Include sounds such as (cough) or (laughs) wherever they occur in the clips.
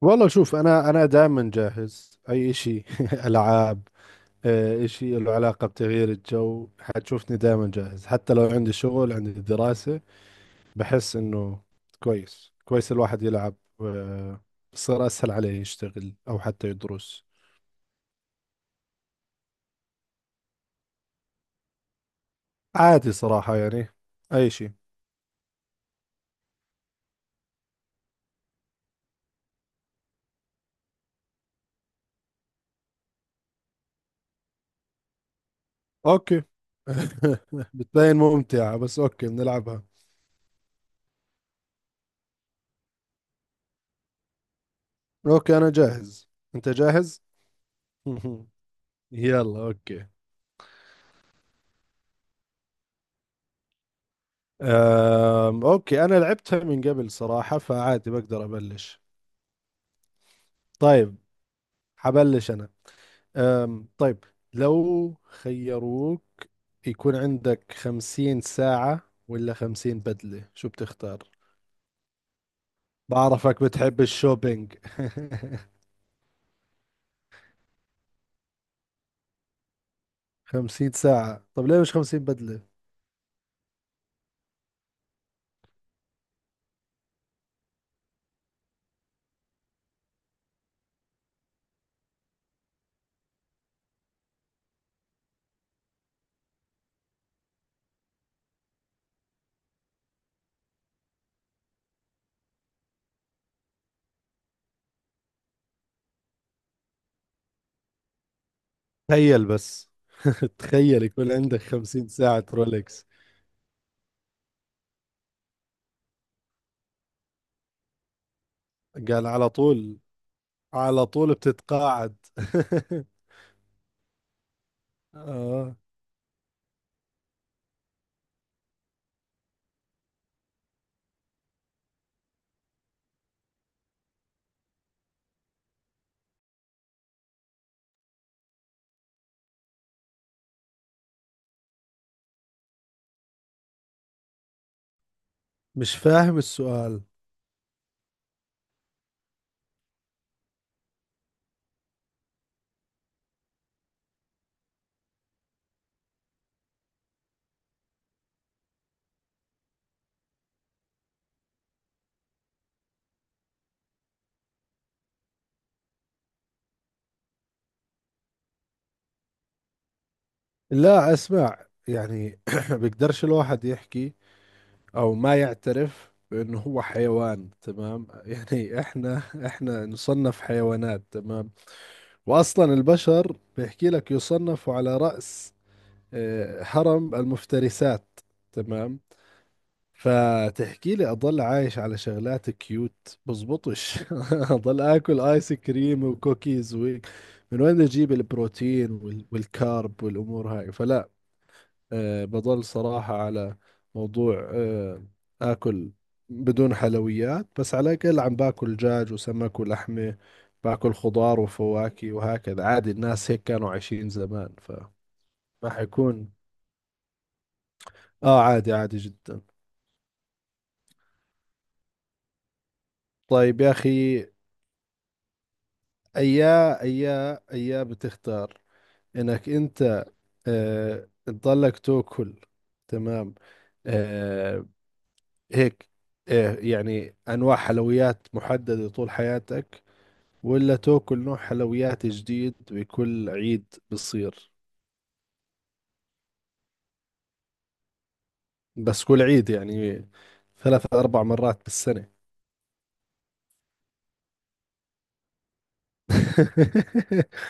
والله شوف انا دائما جاهز اي شيء (laughs) العاب، شيء له علاقه بتغيير الجو حتشوفني دائما جاهز حتى لو عندي شغل عندي دراسه. بحس انه كويس كويس الواحد يلعب، آه، صار اسهل عليه يشتغل او حتى يدرس. عادي صراحه، يعني اي شيء. اوكي، (laughs) بتبين ممتعه بس اوكي بنلعبها. اوكي انا جاهز، انت جاهز؟ (laughs) يلا اوكي. اوكي انا لعبتها من قبل صراحة فعادي بقدر ابلش. طيب، حبلش انا. طيب، لو خيروك يكون عندك 50 ساعة ولا 50 بدلة، شو بتختار؟ بعرفك بتحب الشوبينج. (laughs) 50 ساعة؟ طب ليه مش 50 بدلة؟ تخيل بس، (laughs) تخيل يكون عندك 50 ساعة رولكس. قال على طول، على طول بتتقاعد. (laughs) اه، مش فاهم السؤال. لا اسمع يعني، (clears throat) بيقدرش الواحد يحكي او ما يعترف بانه هو حيوان، تمام؟ (laughs) يعني احنا نصنف حيوانات، تمام. واصلا البشر بيحكي لك يصنفوا على رأس، هرم المفترسات، تمام. فتحكي لي اضل عايش على شغلات كيوت، بزبطش، (laughs) اضل اكل ايس كريم وكوكيز وهيك؟ من وين اجيب البروتين والكارب والامور هاي؟ فلا. بضل صراحة على موضوع، آكل بدون حلويات، بس على الأقل عم باكل دجاج وسمك ولحمة، باكل خضار وفواكه وهكذا. عادي، الناس هيك كانوا عايشين زمان فما. حيكون، آه، عادي عادي جدا. طيب يا أخي، أيا أيا أيا بتختار، إنك أنت، تضلك تاكل، تمام، آه، هيك، يعني أنواع حلويات محددة طول حياتك، ولا تاكل نوع حلويات جديد بكل عيد بصير؟ بس كل عيد يعني، 3 4 مرات بالسنة. (laughs)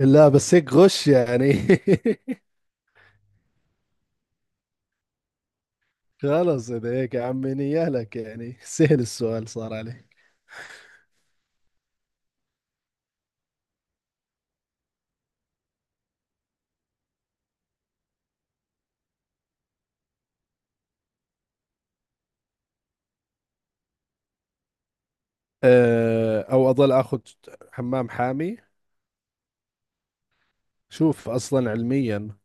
لا بس هيك غش يعني. (laughs) خلص إذا هيك يا عمي، نيالك يعني سهل السؤال صار عليه. أه، أو أضل أخذ حمام حامي؟ شوف أصلا علميا،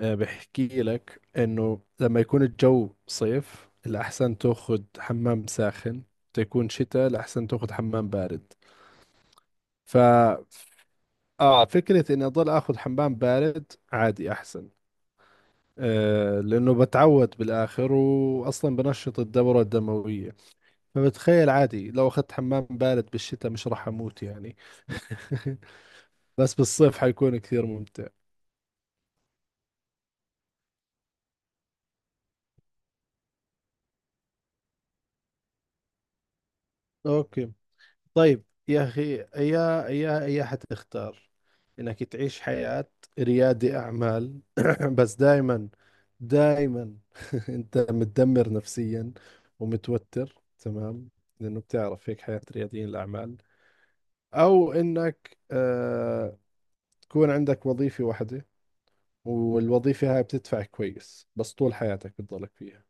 أه، بحكي لك إنه لما يكون الجو صيف الأحسن تأخذ حمام ساخن، تكون شتاء الأحسن تأخذ حمام بارد. ف اه فكرة اني اضل اخذ حمام بارد عادي احسن، آه، لانه بتعود بالاخر واصلا بنشط الدورة الدموية. فبتخيل عادي لو اخذت حمام بارد بالشتاء مش راح اموت يعني. (laughs) بس بالصيف حيكون كثير ممتع. اوكي. طيب يا أخي، يا يا يا حتختار إنك تعيش حياة ريادي أعمال، (clears throat) بس دائما دائما (laughs) أنت متدمر نفسيا ومتوتر، تمام؟ لأنه بتعرف هيك حياة رياديين الأعمال. أو إنك، آه، تكون عندك وظيفة واحدة والوظيفة هاي بتدفع كويس بس طول حياتك بتضلك فيها.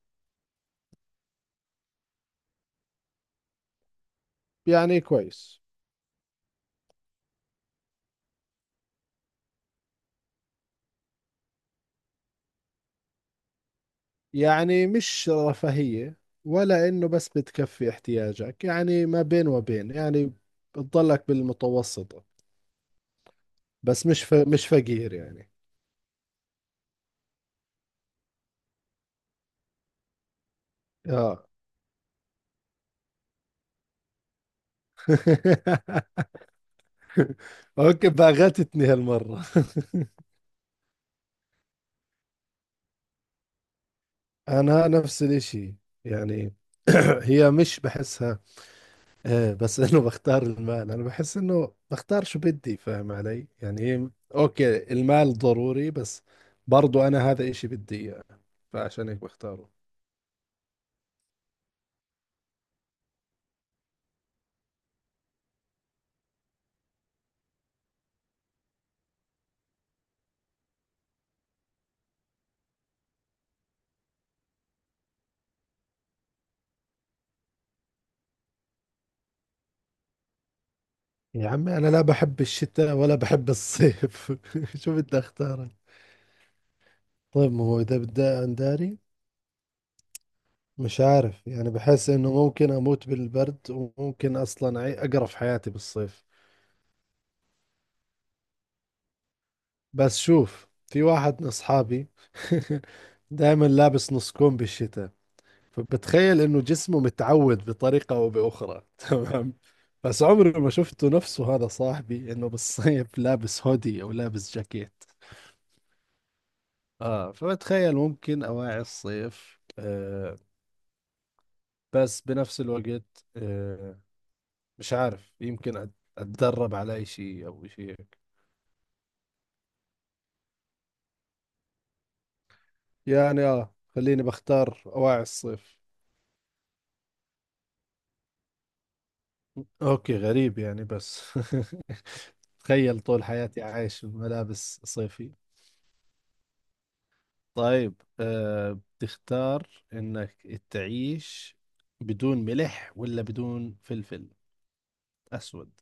يعني كويس، يعني مش رفاهية، ولا إنه بس بتكفي احتياجك، يعني ما بين وبين يعني، بتضلك بالمتوسطة، بس مش مش فقير يعني. آه. (laughs) أوكي، باغتتني هالمرة. (laughs) أنا نفس الإشي يعني، (clears throat) هي مش بحسها، آه، بس (laughs) إنه بختار المال. أنا بحس إنه بختار شو بدي، فاهم علي؟ يعني أوكي المال ضروري، بس برضو أنا هذا إشي بدي إياه، فعشان هيك بختاره. يا عمي، أنا لا بحب الشتاء ولا بحب الصيف، (laughs) شو بدي أختار؟ طيب ما هو إذا بدي أنداري، مش عارف يعني. بحس إنه ممكن أموت بالبرد، وممكن أصلا أقرف حياتي بالصيف. بس شوف في واحد من أصحابي، (laughs) دائما لابس نص كم بالشتاء، فبتخيل إنه جسمه متعود بطريقة أو بأخرى. (laughs) تمام؟ بس عمري ما شفته نفسه هذا صاحبي إنه بالصيف لابس هودي أو لابس جاكيت. اه، فبتخيل ممكن اواعي الصيف، آه، بس بنفس الوقت، آه، مش عارف، يمكن اتدرب على اي شيء او شيء هيك. يعني اه، خليني بختار اواعي الصيف. اوكي غريب يعني، بس (laughs) تخيل طول حياتي عايش بملابس صيفي. طيب، آه، بتختار انك تعيش بدون ملح ولا بدون فلفل اسود؟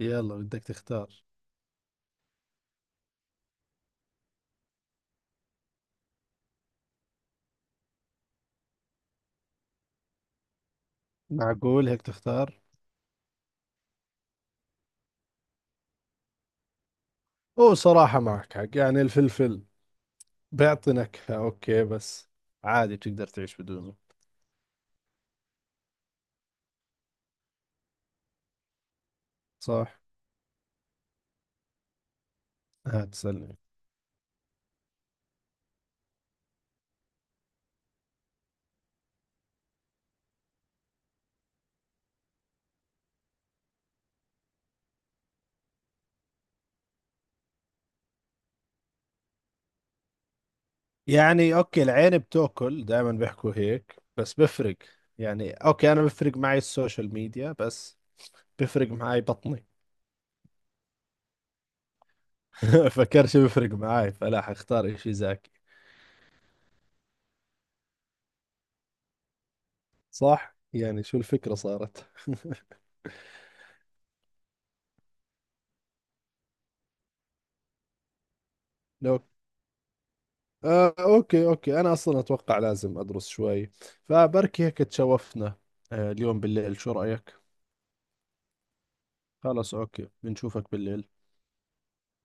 يلا بدك تختار. معقول هيك تختار؟ هو صراحة معك حق، يعني الفلفل بيعطي نكهة، أوكي، بس عادي بتقدر تعيش بدونه. صح. هتسألني؟ يعني أوكي، العين بتاكل دائما، بيحكوا هيك، بس بفرق يعني. أوكي، أنا بفرق معي السوشيال ميديا، بس بفرق معي بطني. (laughs) فكرش بفرق معي، فلا حختار إشي زاكي. صح يعني، شو الفكرة صارت؟ (laughs) لو، آه، أوكي أوكي، أنا أصلا أتوقع لازم أدرس شوي، فبركي هيك تشوفنا، آه، اليوم بالليل، شو رأيك؟ خلاص اوكي، بنشوفك بالليل.